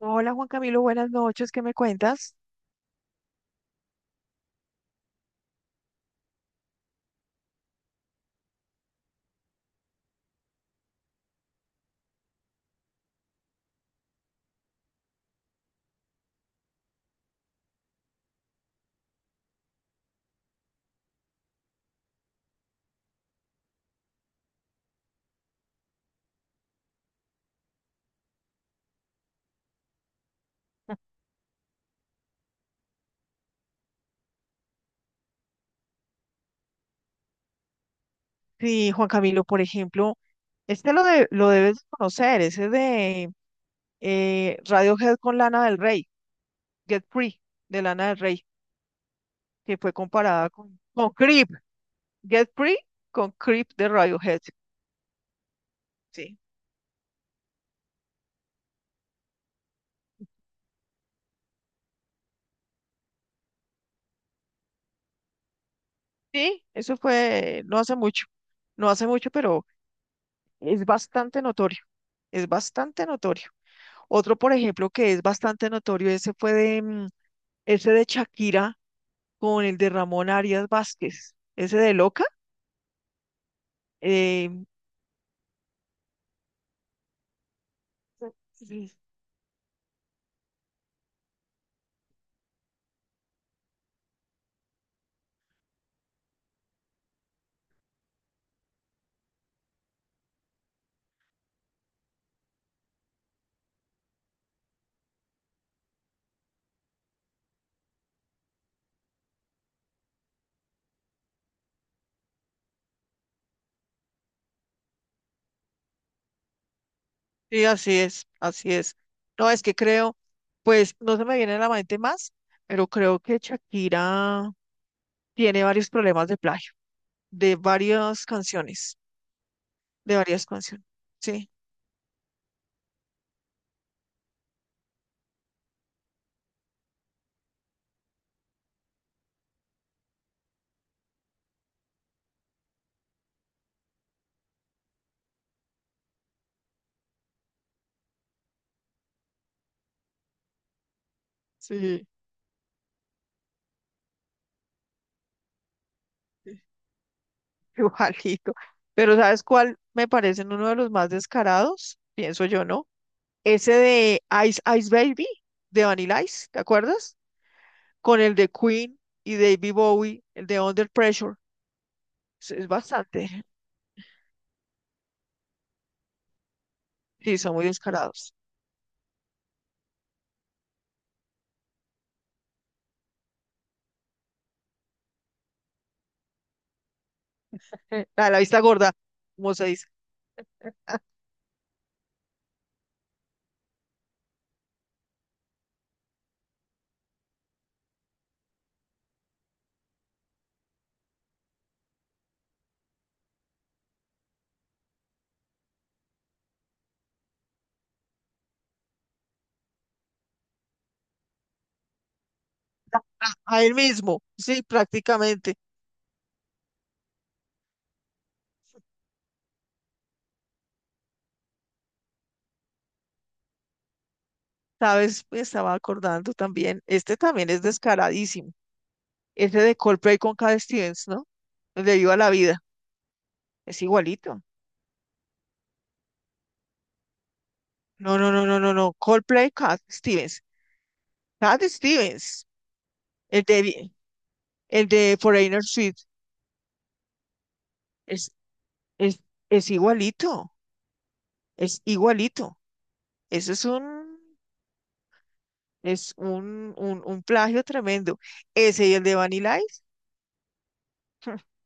Hola Juan Camilo, buenas noches, ¿qué me cuentas? Sí, Juan Camilo, por ejemplo, lo debes conocer, ese de Radiohead con Lana del Rey, Get Free, de Lana del Rey, que fue comparada con Creep, Get Free con Creep de Radiohead, sí. Sí, eso fue no hace mucho, no hace mucho, pero es bastante notorio, es bastante notorio. Otro, por ejemplo, que es bastante notorio, ese fue de ese de Shakira con el de Ramón Arias Vázquez, ese de Loca. eh, sí, sí, así es, así es. No, es que creo, pues no se me viene a la mente más, pero creo que Shakira tiene varios problemas de plagio, de varias canciones, de varias canciones. Sí, sí, sí, igualito. Pero ¿sabes cuál me parece uno de los más descarados? Pienso yo, ¿no? Ese de Ice Ice Baby, de Vanilla Ice, ¿te acuerdas? Con el de Queen y David Bowie, el de Under Pressure. Es bastante. Sí, son muy descarados. A la vista gorda, como se dice. A él mismo, sí, prácticamente. Sabes, me estaba acordando también. Este también es descaradísimo. Ese de Coldplay con Cat Stevens, ¿no? El de Viva la Vida. Es igualito. No, no, no, no, no, no. Coldplay, Cat Stevens. Cat Stevens. El de, Vi- el de Foreigner Suite. Es, es, es igualito. Es igualito. Eso es un, un plagio tremendo. Ese y el de Vanilla Ice.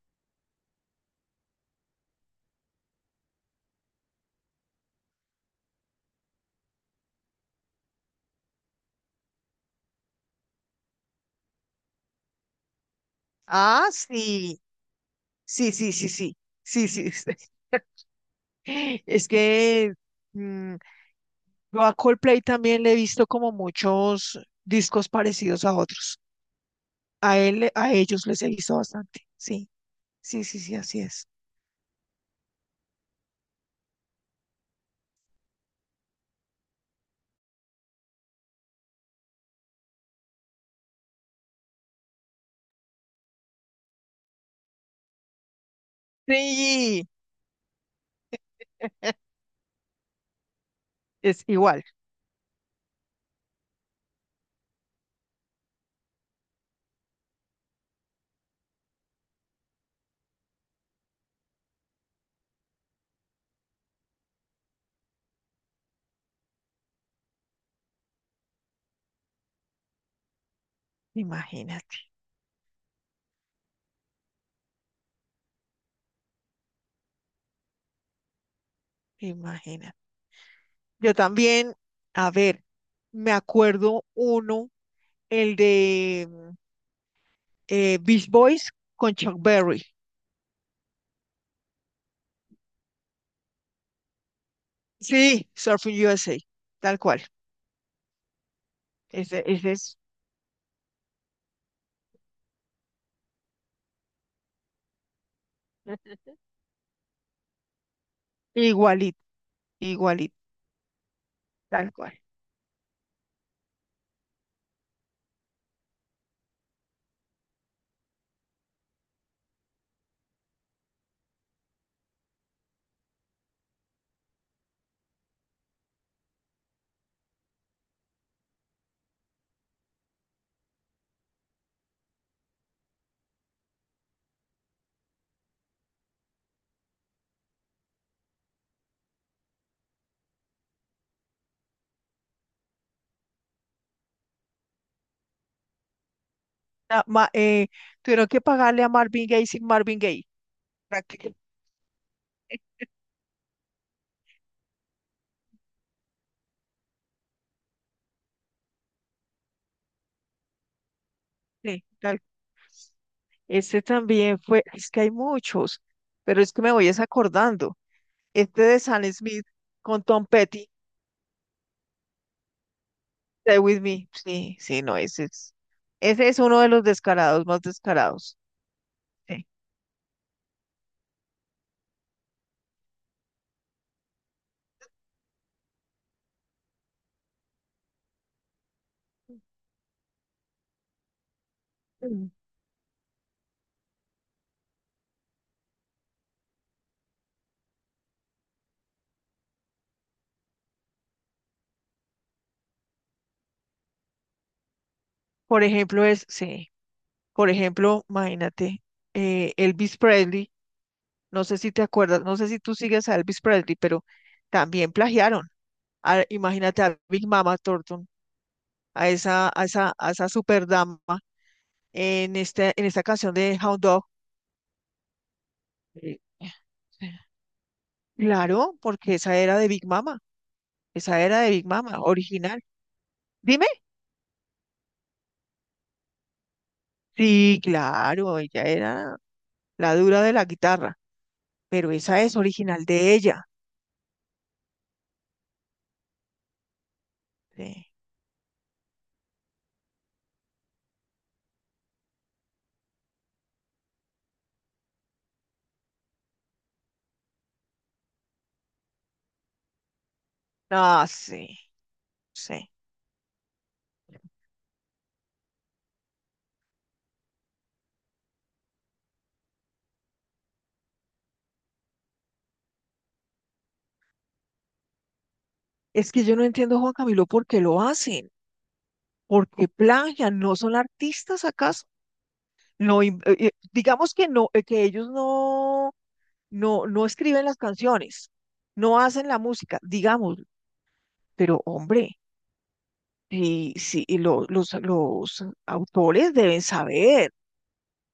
Ah, sí, sí, sí, sí, sí, sí, sí. Sí. Es que mm, yo a Coldplay también le he visto como muchos discos parecidos a otros. A ellos les he visto bastante. Sí, sí, sí, sí, así es. Sí, es igual. Imagínate, imagínate. Yo también, a ver, me acuerdo uno, el de Beach Boys con Chuck Berry. Sí, Surfing USA, tal cual. Ese es igualito, igualito, tal cual. Na- ma- eh, Tuvieron que pagarle a Marvin Gaye sin Marvin Gaye. para que- Sí, tal. Ese también fue, es que hay muchos, pero es que me voy es acordando. Este de Sam Smith con Tom Petty, Stay With Me. Sí, sí, no, ese es uno de los descarados más descarados. Sí. Mm. Por ejemplo, es, sí. Por ejemplo, imagínate, Elvis Presley, no sé si te acuerdas, no sé si tú sigues a Elvis Presley, pero también plagiaron. Imagínate a Big Mama Thornton, a esa, a esa, a esa super dama en esta canción de Hound Dog. Eh, eh, Claro, porque esa era de Big Mama, esa era de Big Mama, original. Dime. Sí, claro, ella era la dura de la guitarra, pero esa es original de ella. Sí. Ah, sí, sí. Es que yo no entiendo, Juan Camilo, por qué lo hacen, por qué plagian, ¿no son artistas acaso? No, digamos que no, que ellos no escriben las canciones, no hacen la música, digamos, pero hombre, sí, y los autores deben saber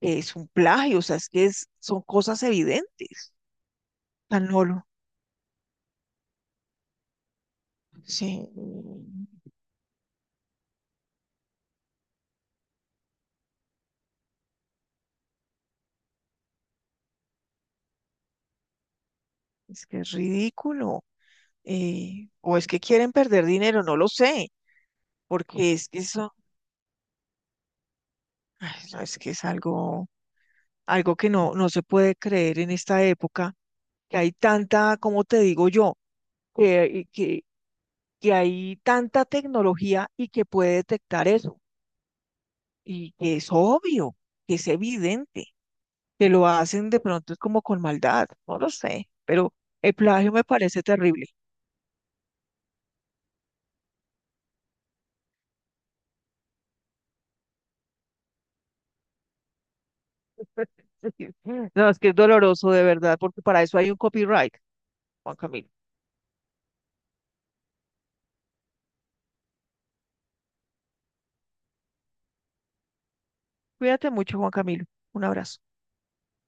que es un plagio, o sea, es que son cosas evidentes. Tan no sí, es que es ridículo. O es que quieren perder dinero, no lo sé porque es que eso, ay, no, es que es algo, algo que no se puede creer en esta época, que hay tanta, como te digo yo, que, y que, que hay tanta tecnología y que puede detectar eso, y que es obvio, que es evidente, que lo hacen de pronto es como con maldad, no lo sé, pero el plagio me parece terrible. No, es que es doloroso de verdad, porque para eso hay un copyright, Juan Camilo. Cuídate mucho, Juan Camilo. Un abrazo.